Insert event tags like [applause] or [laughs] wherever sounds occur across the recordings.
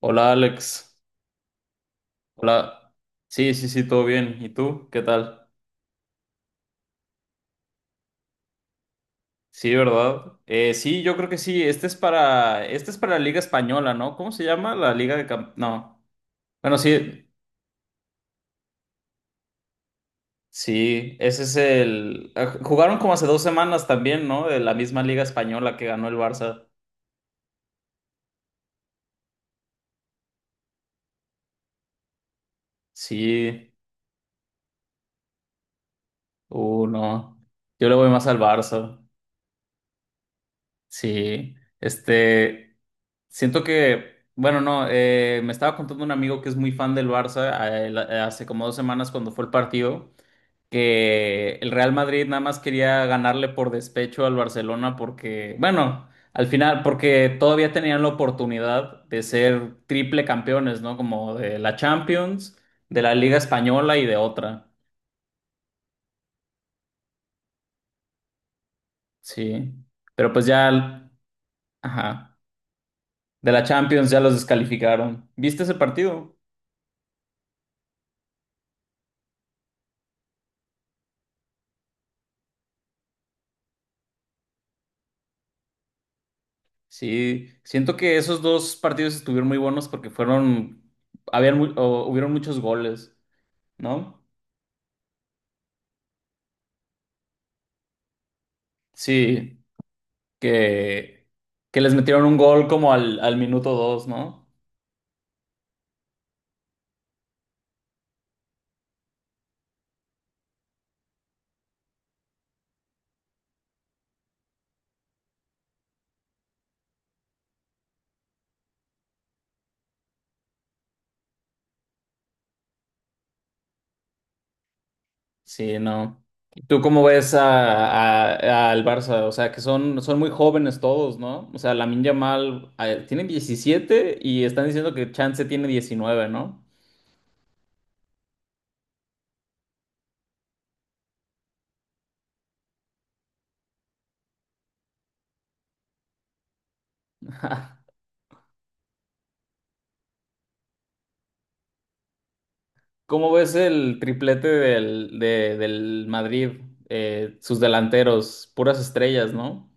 Hola Alex, hola. Sí, sí, sí, todo bien. ¿Y tú? ¿Qué tal? Sí, ¿verdad? Sí, yo creo que sí. Este es para la Liga Española, ¿no? ¿Cómo se llama? La Liga de Camp... No. Bueno, sí, sí, ese es el... jugaron como hace 2 semanas también, ¿no? De la misma Liga Española que ganó el Barça. Sí, no. Yo le voy más al Barça. Sí, este... Siento que, bueno, no, me estaba contando un amigo que es muy fan del Barça hace como 2 semanas cuando fue el partido, que el Real Madrid nada más quería ganarle por despecho al Barcelona porque, bueno, al final, porque todavía tenían la oportunidad de ser triple campeones, ¿no? Como de la Champions, de la Liga Española y de otra, sí. Pero pues ya, ajá, de la Champions ya los descalificaron. ¿Viste ese partido? Sí, siento que esos dos partidos estuvieron muy buenos porque fueron, o hubieron muchos goles, ¿no? Sí, que, que les metieron un gol como al minuto 2, ¿no? Sí, no. ¿Tú cómo ves al Barça? O sea, que son muy jóvenes todos, ¿no? O sea, Lamine Yamal, tiene 17 y están diciendo que Chance tiene 19, ¿no? [laughs] ¿Cómo ves el triplete del Madrid? Sus delanteros, puras estrellas, ¿no?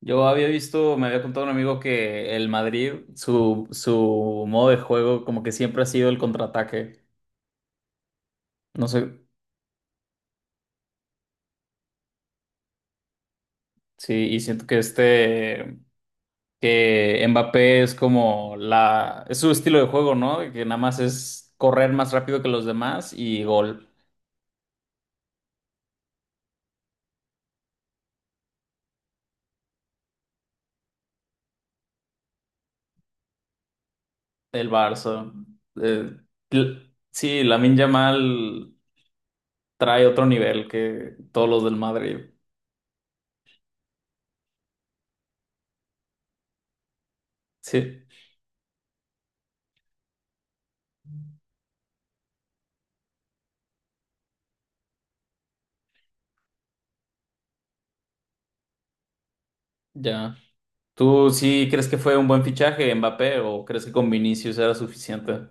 Yo había visto, me había contado un amigo que el Madrid, su modo de juego, como que siempre ha sido el contraataque. No sé, sí, y siento que este, que Mbappé es su estilo de juego, ¿no? Que nada más es correr más rápido que los demás y gol. El Barça. Eh, sí, Lamine Yamal trae otro nivel que todos los del Madrid. Sí, ya. ¿Tú sí crees que fue un buen fichaje Mbappé o crees que con Vinicius era suficiente?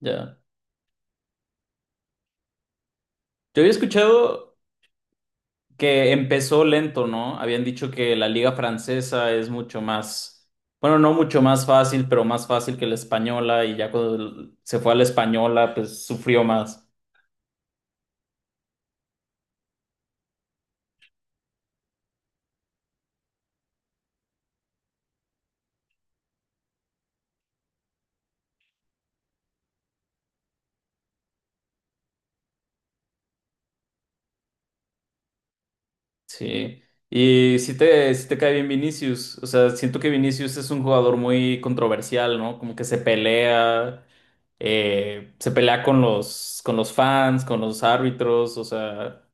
Ya. Yo había escuchado que empezó lento, ¿no? Habían dicho que la liga francesa es mucho más, bueno, no mucho más fácil, pero más fácil que la española y ya cuando se fue a la española, pues sufrió más. Sí, y si te, sí te cae bien Vinicius, o sea, siento que Vinicius es un jugador muy controversial, ¿no? Como que se pelea con los fans, con los árbitros, o sea,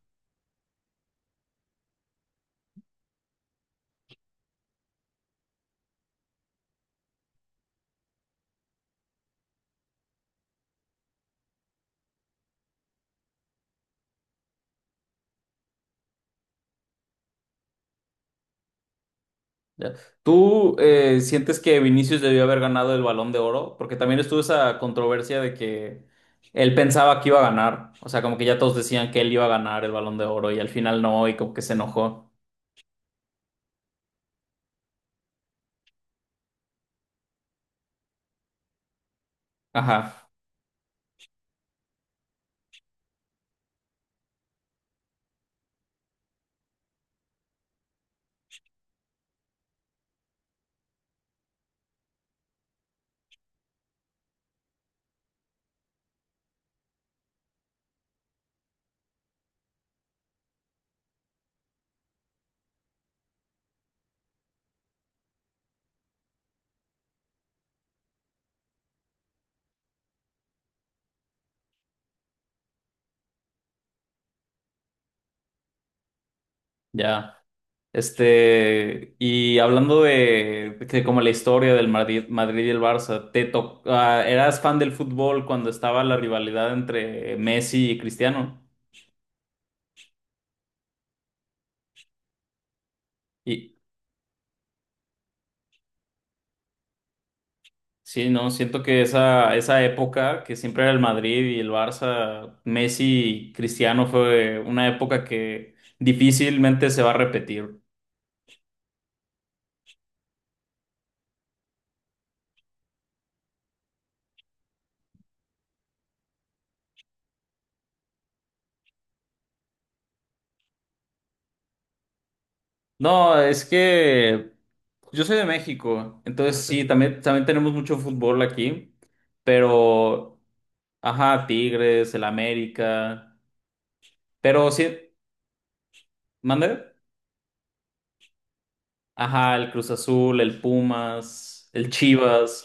ya. ¿Tú sientes que Vinicius debió haber ganado el Balón de Oro? Porque también estuvo esa controversia de que él pensaba que iba a ganar, o sea, como que ya todos decían que él iba a ganar el Balón de Oro y al final no, y como que se enojó. Ajá, ya. Este, y hablando de como la historia del Madrid, Madrid y el Barça, eras fan del fútbol cuando estaba la rivalidad entre Messi y Cristiano? Y sí, no, siento que esa época que siempre era el Madrid y el Barça, Messi y Cristiano fue una época que difícilmente se va a repetir. No, es que yo soy de México, entonces sí, también, también tenemos mucho fútbol aquí, pero, ajá, Tigres, el América, pero sí, ¿mande? Ajá, el Cruz Azul, el Pumas, el Chivas.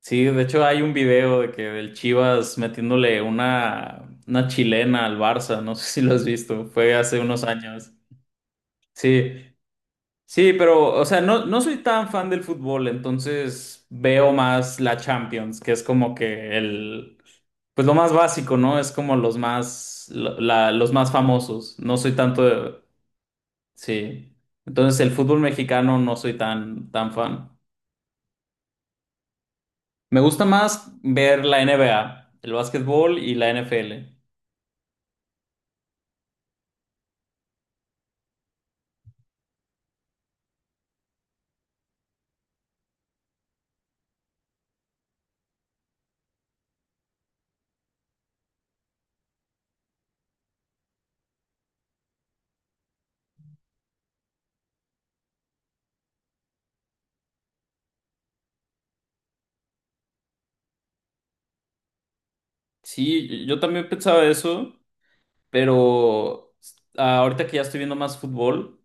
Sí, de hecho hay un video de que del Chivas metiéndole una chilena al Barça, no sé si lo has visto, fue hace unos años. Sí, sí, pero, o sea, no, no soy tan fan del fútbol, entonces veo más la Champions, que es como que el, pues lo más básico, ¿no? Es como los más, los más famosos. No soy tanto de, sí. Entonces el fútbol mexicano no soy tan, tan fan. Me gusta más ver la NBA, el básquetbol y la NFL. Sí, yo también pensaba eso, pero ahorita que ya estoy viendo más fútbol.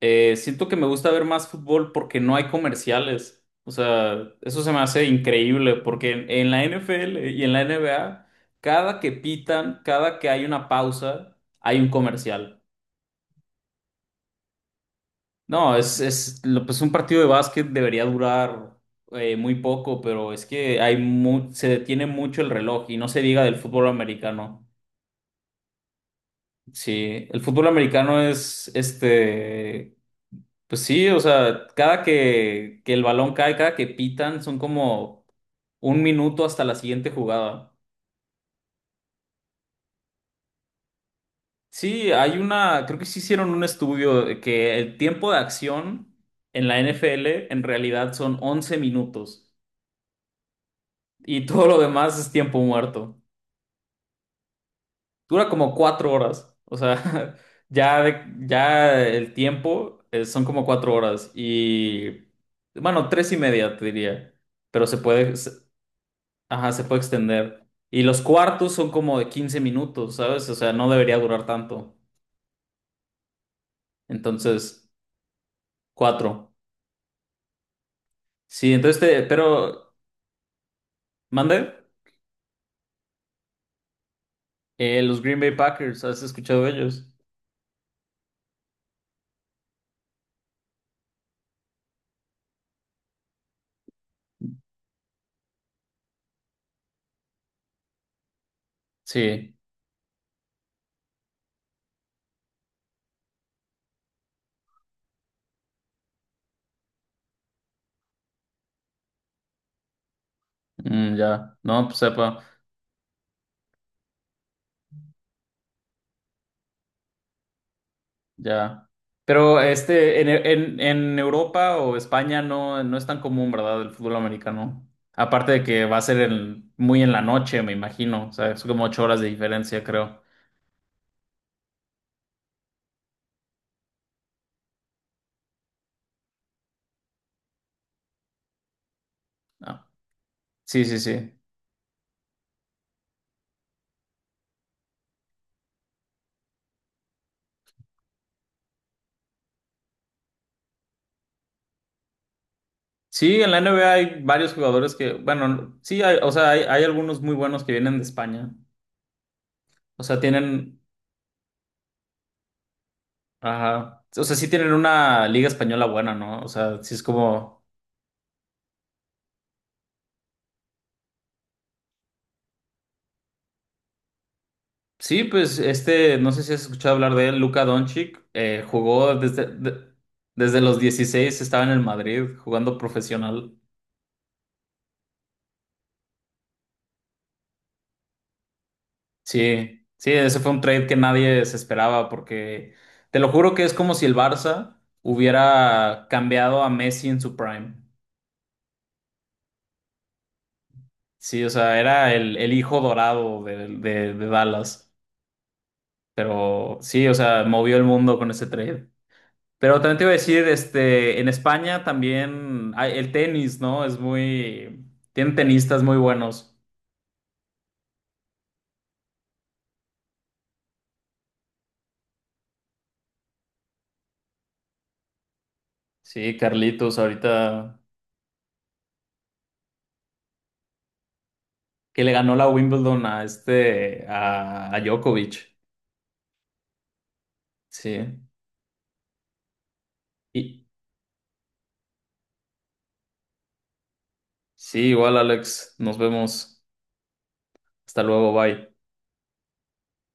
Siento que me gusta ver más fútbol porque no hay comerciales. O sea, eso se me hace increíble porque en la NFL y en la NBA, cada que pitan, cada que hay una pausa, hay un comercial. No, pues un partido de básquet debería durar muy poco, pero es que se detiene mucho el reloj y no se diga del fútbol americano. Sí, el fútbol americano es este. Pues sí, o sea, cada que el balón cae, cada que pitan, son como un minuto hasta la siguiente jugada. Sí, hay una, creo que sí hicieron un estudio de que el tiempo de acción en la NFL en realidad son 11 minutos y todo lo demás es tiempo muerto. Dura como 4 horas, o sea, [laughs] ya, ya el tiempo son como 4 horas y, bueno, tres y media te diría, pero se puede... Ajá, se puede extender. Y los cuartos son como de 15 minutos, ¿sabes? O sea, no debería durar tanto. Entonces, cuatro. Sí, entonces pero, ¿mande? Los Green Bay Packers, ¿has escuchado de ellos? Sí, mm, ya. No, pues sepa, ya. Pero este, en Europa o España no, no es tan común, ¿verdad? El fútbol americano. Aparte de que va a ser muy en la noche, me imagino. O sea, es como 8 horas de diferencia, creo. Ah, sí, sí, sí. Sí, en la NBA hay varios jugadores que, bueno, sí, hay, o sea, hay algunos muy buenos que vienen de España. O sea, tienen, ajá, o sea, sí tienen una liga española buena, ¿no? O sea, sí es como, sí, pues este, no sé si has escuchado hablar de él, Luka Doncic, jugó desde los 16 estaba en el Madrid jugando profesional. Sí, sí, ese fue un trade que nadie se esperaba porque, te lo juro que es como si el Barça hubiera cambiado a Messi en su prime. Sí, o sea, era el hijo dorado de Dallas. Pero sí, o sea, movió el mundo con ese trade. Pero también te iba a decir, este, en España también el tenis, ¿no? Es muy... Tienen tenistas muy buenos. Sí, Carlitos, ahorita que le ganó la Wimbledon a este, a Djokovic. Sí. Y sí, igual, Alex, nos vemos. Hasta luego, bye.